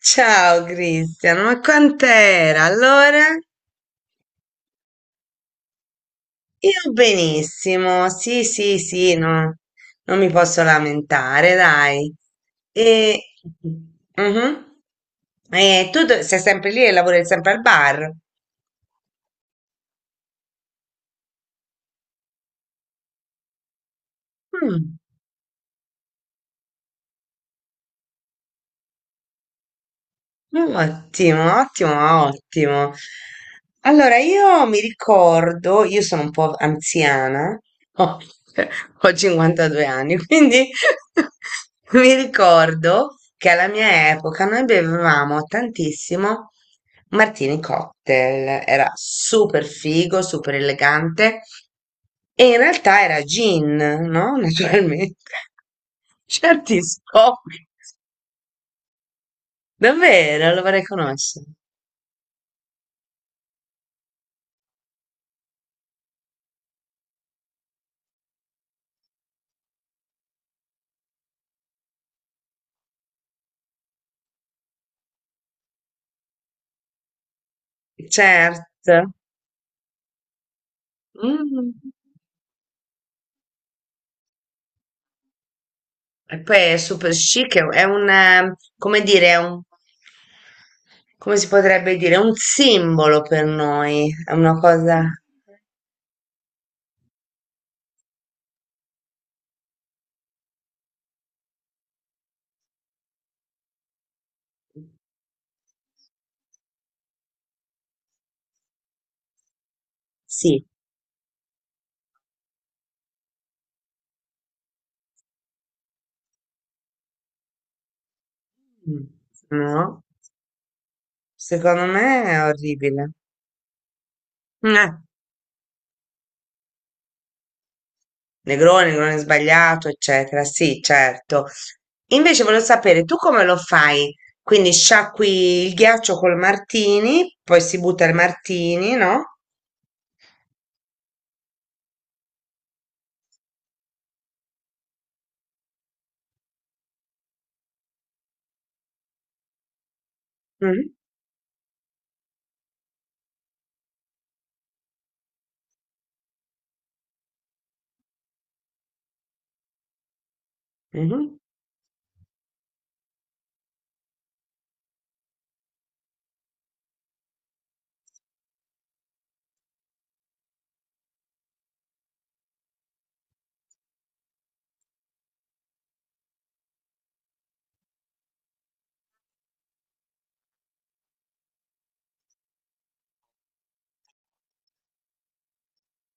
Ciao Cristian, ma quant'era? Allora? Io benissimo, sì, sì, sì, no, non mi posso lamentare, dai. E, mhm. E tu sei sempre lì e lavori sempre al bar? Mm. Ottimo, ottimo, ottimo. Allora, io mi ricordo, io sono un po' anziana, ho, ho 52 anni, quindi mi ricordo che alla mia epoca noi bevevamo tantissimo Martini Cocktail, era super figo, super elegante e in realtà era gin, no? Naturalmente. Certi scopi. Davvero, lo vorrei conoscere. Certo. Mm. E poi è super chic, è un, come dire, è un, come si potrebbe dire, è un simbolo per noi, è una cosa, sì, mm, no? Secondo me è orribile. Mm, eh, Negroni, Negroni sbagliato, eccetera, sì, certo. Invece volevo sapere, tu come lo fai? Quindi sciacqui il ghiaccio col martini, poi si butta il martini, no? Mm. Mhm.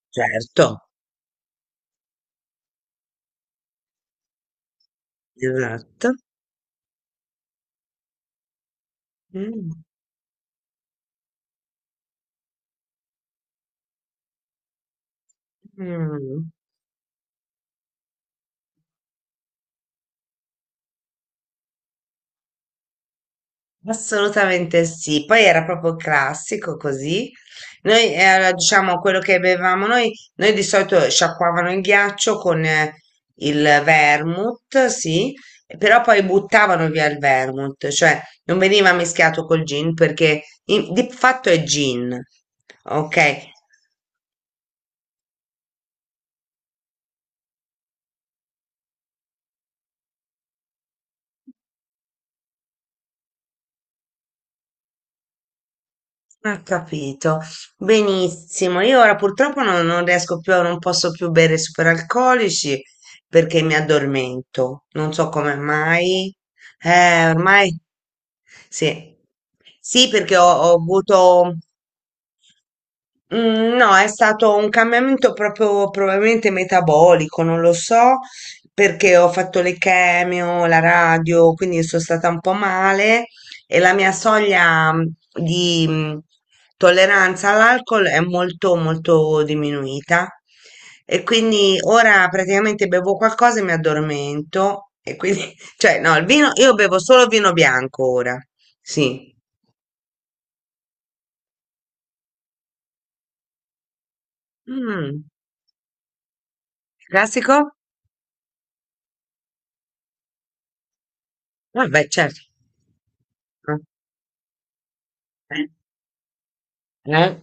Certo. Esatto. Mh, mh, assolutamente sì. Poi era proprio classico così. Noi, diciamo, quello che bevevamo noi di solito sciacquavano il ghiaccio con il vermouth, sì, però poi buttavano via il vermouth, cioè non veniva mischiato col gin perché di fatto è gin, ok? Ho capito. Benissimo. Io ora purtroppo non riesco più, non posso più bere superalcolici perché mi addormento. Non so come mai. Ormai sì. Sì, perché ho avuto. Mm, no, è stato un cambiamento proprio probabilmente metabolico, non lo so, perché ho fatto le chemio, la radio, quindi sono stata un po' male e la mia soglia di mm, tolleranza all'alcol è molto molto diminuita e quindi ora praticamente bevo qualcosa e mi addormento e quindi, cioè no, il vino, io bevo solo vino bianco ora, sì. Mm, classico? Ah, beh, certo. Ah, eh, eh,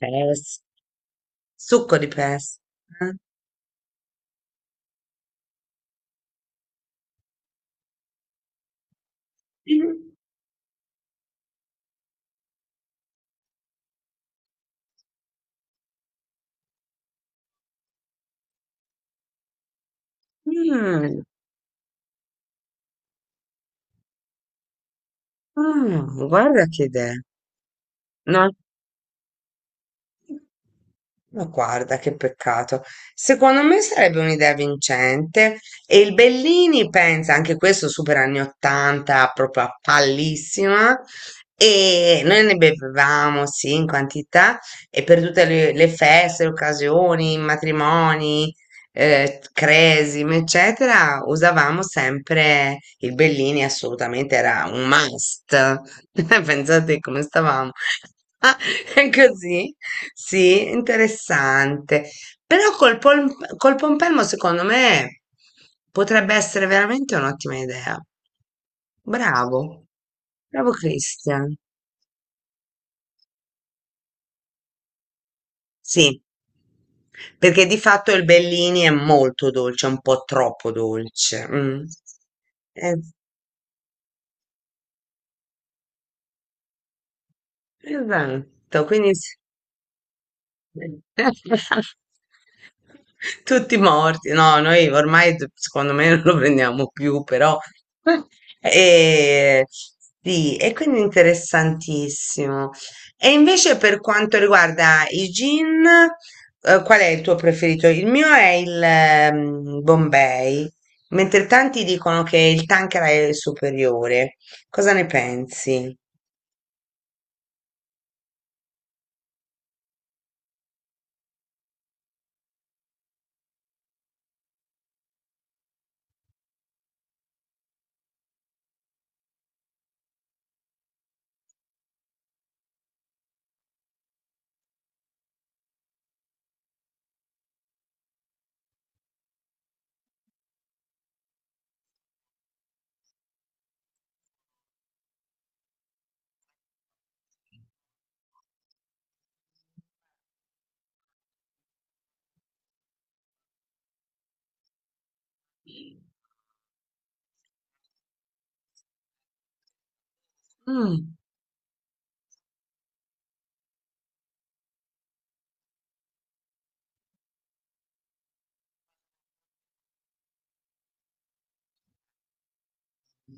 pes- succo di pes. Eh. Mm, mm, mm, guarda che idea. No? Ma guarda che peccato. Secondo me sarebbe un'idea vincente e il Bellini pensa, anche questo super anni 80, proprio a pallissima, e noi ne bevevamo, sì, in quantità, e per tutte le feste, le occasioni, i matrimoni, cresime, eccetera, usavamo sempre il Bellini, assolutamente era un must. Pensate come stavamo. Così? Sì, interessante. Però col pompelmo, secondo me, potrebbe essere veramente un'ottima idea. Bravo, bravo Christian. Sì, perché di fatto il Bellini è molto dolce, un po' troppo dolce. Mm. Eh, esatto, quindi tutti morti, no, noi ormai secondo me non lo prendiamo più, però e, sì, e quindi interessantissimo. E invece per quanto riguarda i gin, qual è il tuo preferito? Il mio è il Bombay, mentre tanti dicono che il Tanqueray è il superiore. Cosa ne pensi? Mm.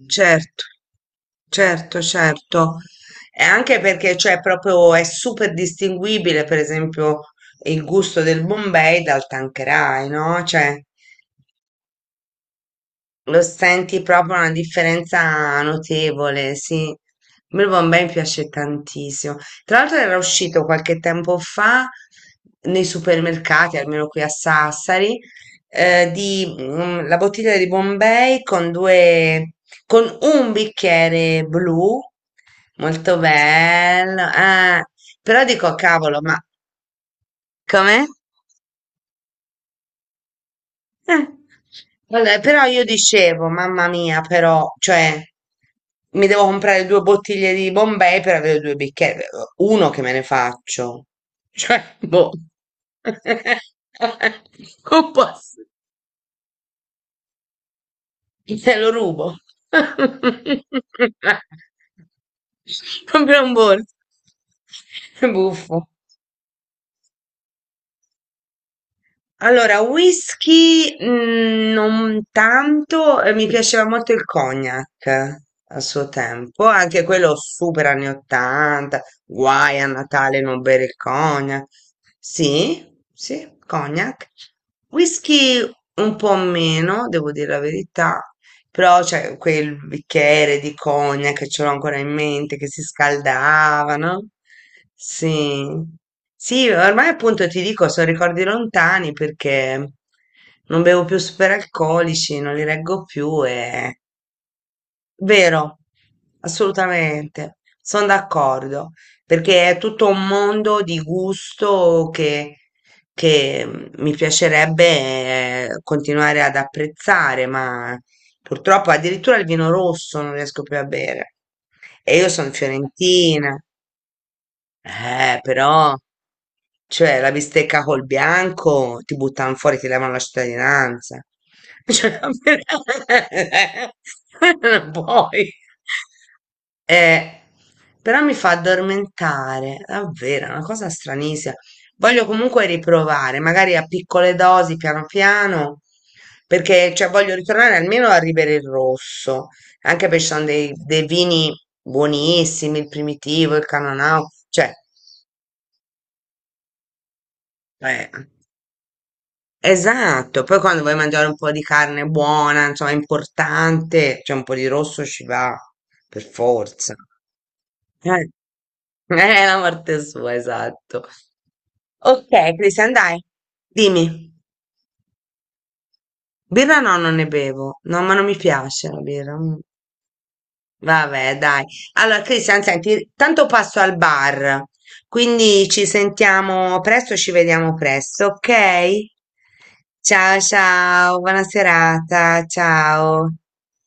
Certo, certo, certo. E anche perché cioè, proprio è super distinguibile, per esempio, il gusto del Bombay dal Tanqueray, no? Cioè, lo senti proprio una differenza notevole, sì. A me il Bombay mi piace tantissimo. Tra l'altro era uscito qualche tempo fa nei supermercati, almeno qui a Sassari, la bottiglia di Bombay con un bicchiere blu, molto bello. Eh. Però dico, cavolo, ma come? Eh, vabbè, però io dicevo, mamma mia, però, cioè, mi devo comprare due bottiglie di Bombay per avere due bicchieri. Uno che me ne faccio. Cioè, boh. Non posso. Te lo rubo. Proprio un borso. È buffo. Allora, whisky mm, non tanto, mi piaceva molto il cognac a suo tempo, anche quello super anni 80, guai a Natale non bere il cognac. Sì, sì, cognac. Whisky un po' meno, devo dire la verità, però c'è quel bicchiere di cognac, che ce l'ho ancora in mente, che si scaldava, no? Sì. Sì, ormai appunto ti dico, sono ricordi lontani perché non bevo più superalcolici, non li reggo più e vero, assolutamente, sono d'accordo, perché è tutto un mondo di gusto che, mi piacerebbe continuare ad apprezzare, ma purtroppo addirittura il vino rosso non riesco più a bere. E io sono fiorentina, però, cioè, la bistecca col bianco ti buttano fuori, ti levano la cittadinanza. Cioè, non puoi. Eh, però mi fa addormentare, davvero, è una cosa stranissima. Voglio comunque riprovare, magari a piccole dosi, piano piano, perché cioè, voglio ritornare almeno a Ribera il Rosso, anche perché ci sono dei vini buonissimi, il Primitivo, il Canonau, cioè eh, esatto, poi quando vuoi mangiare un po' di carne buona, insomma, importante, cioè un po' di rosso ci va, per forza. Eh, è la morte sua, esatto. Ok, Cristian, dai, dimmi. Birra no, non ne bevo. No, ma non mi piace la birra. Mm. Vabbè, dai. Allora, Cristian, senti, tanto passo al bar, quindi ci sentiamo presto, ci vediamo presto, ok? Ciao, ciao, buona serata, ciao.